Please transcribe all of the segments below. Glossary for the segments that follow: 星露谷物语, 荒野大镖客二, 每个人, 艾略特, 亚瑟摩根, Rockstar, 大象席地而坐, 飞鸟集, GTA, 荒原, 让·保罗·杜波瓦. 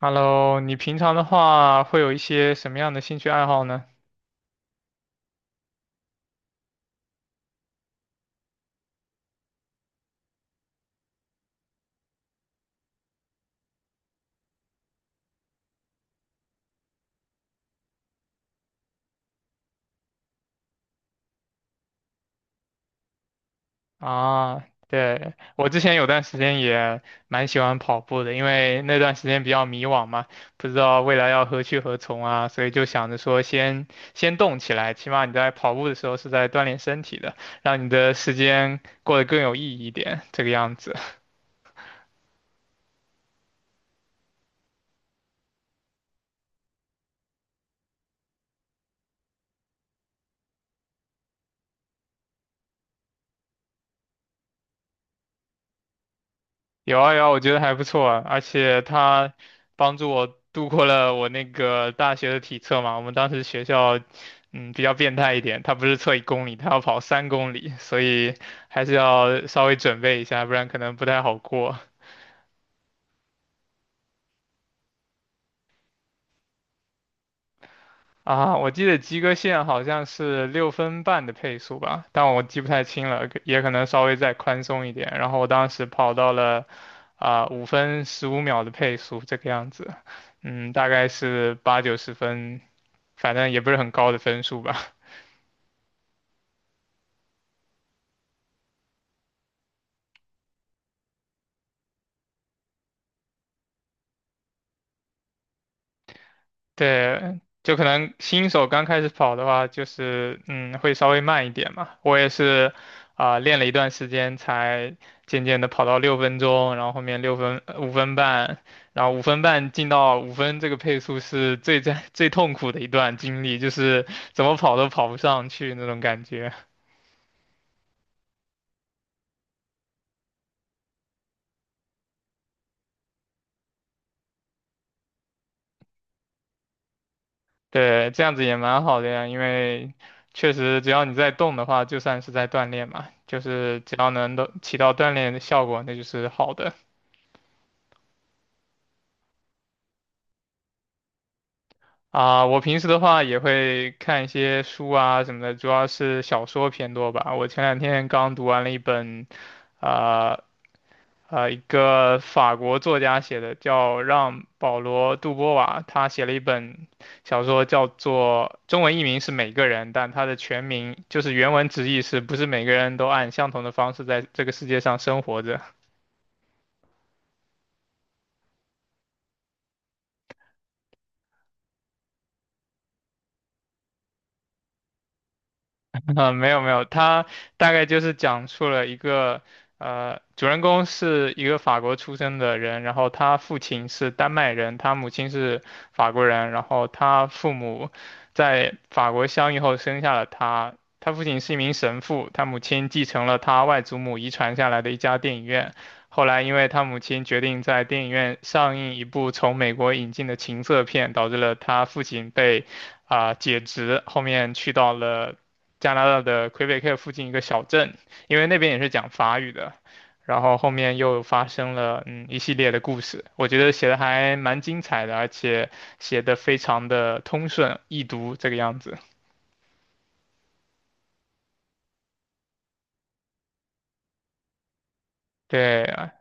Hello，你平常的话会有一些什么样的兴趣爱好呢？啊，对，我之前有段时间也蛮喜欢跑步的，因为那段时间比较迷惘嘛，不知道未来要何去何从啊，所以就想着说先动起来，起码你在跑步的时候是在锻炼身体的，让你的时间过得更有意义一点，这个样子。有啊有啊，我觉得还不错啊，而且他帮助我度过了我那个大学的体测嘛。我们当时学校，比较变态一点，他不是测1公里，他要跑3公里，所以还是要稍微准备一下，不然可能不太好过。啊，我记得及格线好像是6分半的配速吧，但我记不太清了，可也可能稍微再宽松一点。然后我当时跑到了5分15秒的配速这个样子，大概是八九十分，反正也不是很高的分数吧。对，就可能新手刚开始跑的话，就是会稍微慢一点嘛。我也是练了一段时间，才渐渐的跑到6分钟，然后后面六分五分半，然后五分半进到五分这个配速是最痛苦的一段经历，就是怎么跑都跑不上去那种感觉。对，这样子也蛮好的呀，因为确实只要你在动的话，就算是在锻炼嘛，就是只要能都起到锻炼的效果，那就是好的。啊，我平时的话也会看一些书啊什么的，主要是小说偏多吧。我前两天刚读完了一本，啊、一个法国作家写的，叫让·保罗·杜波瓦，他写了一本小说，叫做中文译名是《每个人》，但他的全名就是原文直译是不是每个人都按相同的方式在这个世界上生活着。啊，没有没有，他大概就是讲述了一个，主人公是一个法国出生的人，然后他父亲是丹麦人，他母亲是法国人，然后他父母在法国相遇后生下了他，他父亲是一名神父，他母亲继承了他外祖母遗传下来的一家电影院，后来因为他母亲决定在电影院上映一部从美国引进的情色片，导致了他父亲被解职，后面去到了加拿大的魁北克附近一个小镇，因为那边也是讲法语的。然后后面又发生了一系列的故事，我觉得写的还蛮精彩的，而且写的非常的通顺易读这个样子。对，啊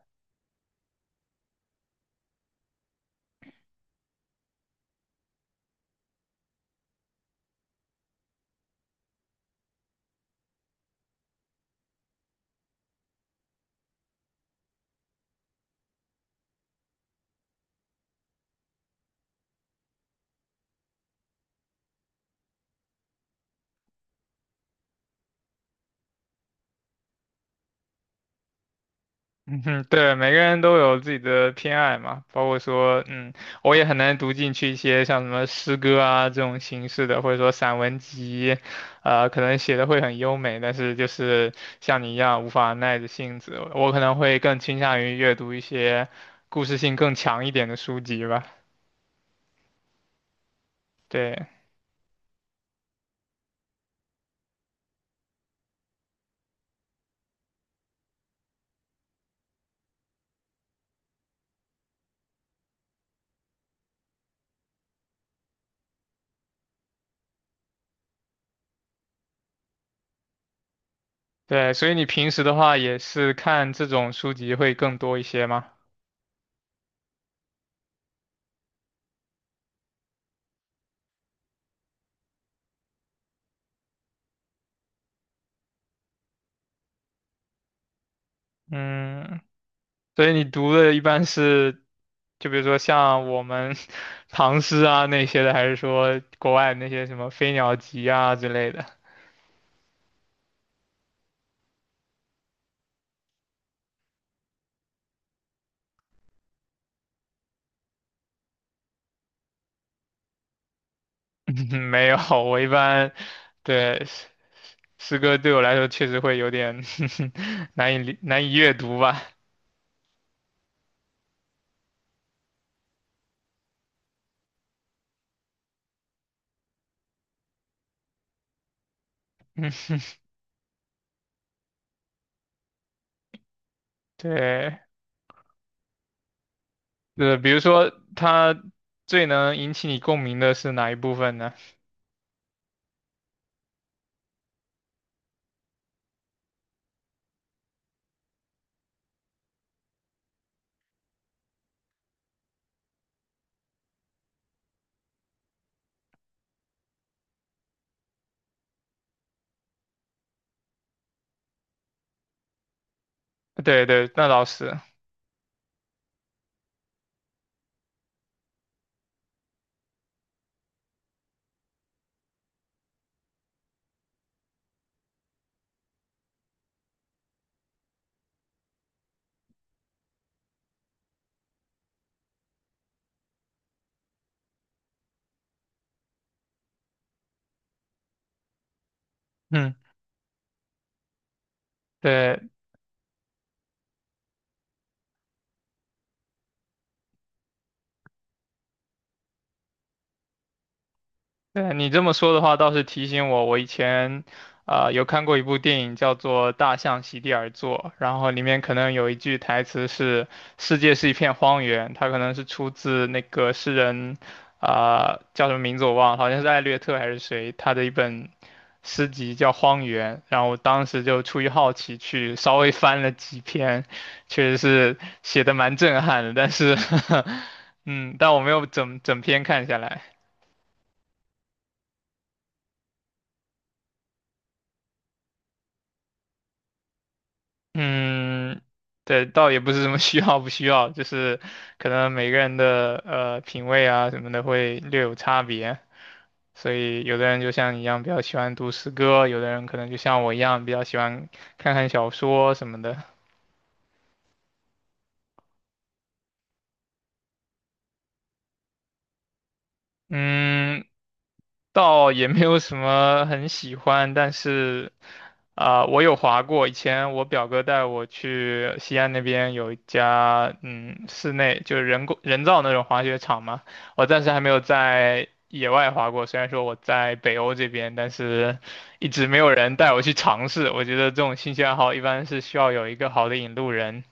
嗯哼，对，每个人都有自己的偏爱嘛，包括说，我也很难读进去一些像什么诗歌啊这种形式的，或者说散文集，可能写的会很优美，但是就是像你一样无法耐着性子，我可能会更倾向于阅读一些故事性更强一点的书籍吧。对，对，所以你平时的话也是看这种书籍会更多一些吗？嗯，所以你读的一般是。就比如说像我们 唐诗啊那些的，还是说国外那些什么《飞鸟集》啊之类的？没有，我一般对诗诗歌对我来说确实会有点 难以阅读吧。对，比如说它最能引起你共鸣的是哪一部分呢？对对，那倒是，嗯，对。对，你这么说的话，倒是提醒我，我以前有看过一部电影叫做《大象席地而坐》，然后里面可能有一句台词是“世界是一片荒原”，它可能是出自那个诗人叫什么名字我忘了，好像是艾略特还是谁，他的一本诗集叫《荒原》，然后我当时就出于好奇去稍微翻了几篇，确实是写的蛮震撼的，但是 嗯，但我没有整整篇看下来。嗯，对，倒也不是什么 需要不需要，就是可能每个人的品味啊什么的会略有差别，所以有的人就像你一样比较喜欢读诗歌，有的人可能就像我一样比较喜欢看看小说什么的。嗯，倒也没有什么很喜欢，但是我有滑过。以前我表哥带我去西安那边有一家室内就是人造那种滑雪场嘛，我暂时还没有在野外滑过。虽然说我在北欧这边，但是一直没有人带我去尝试。我觉得这种兴趣爱好一般是需要有一个好的引路人。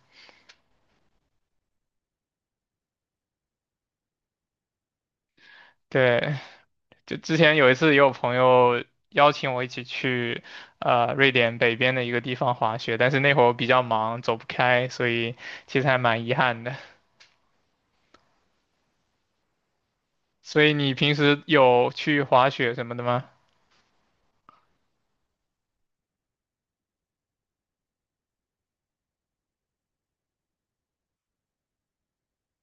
对，就之前有一次，也有朋友邀请我一起去，瑞典北边的一个地方滑雪，但是那会儿我比较忙，走不开，所以其实还蛮遗憾的。所以你平时有去滑雪什么的吗？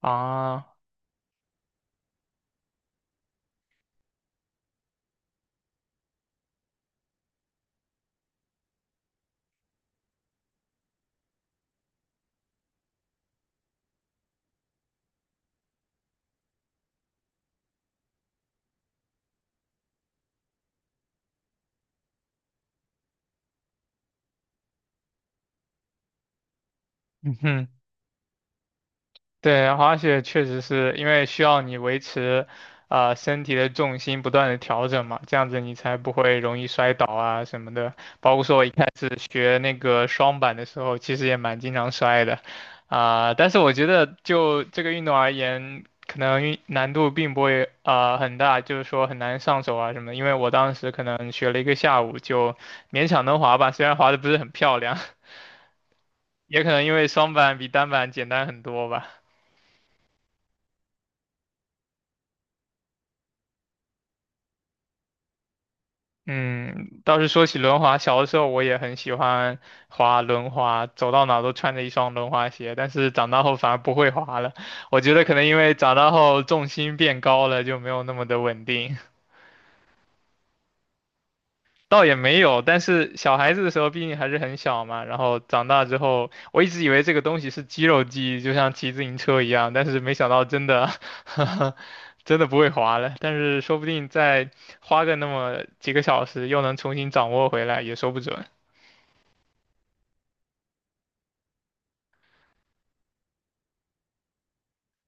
啊，嗯哼。对，滑雪确实是因为需要你维持，身体的重心不断的调整嘛，这样子你才不会容易摔倒啊什么的。包括说我一开始学那个双板的时候，其实也蛮经常摔的，但是我觉得就这个运动而言，可能难度并不会很大，就是说很难上手啊什么的。因为我当时可能学了一个下午，就勉强能滑吧，虽然滑的不是很漂亮，也可能因为双板比单板简单很多吧。嗯，倒是说起轮滑，小的时候我也很喜欢滑轮滑，走到哪都穿着一双轮滑鞋。但是长大后反而不会滑了，我觉得可能因为长大后重心变高了，就没有那么的稳定。倒也没有，但是小孩子的时候毕竟还是很小嘛，然后长大之后，我一直以为这个东西是肌肉记忆，就像骑自行车一样，但是没想到真的，真的不会滑了。但是说不定再花个那么几个小时，又能重新掌握回来，也说不准。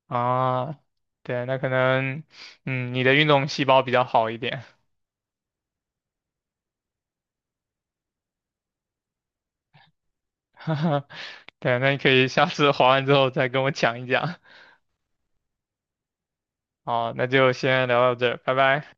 啊，对，那可能，你的运动细胞比较好一点，哈哈，对，那你可以下次滑完之后再跟我讲一讲。好，那就先聊到这儿，拜拜。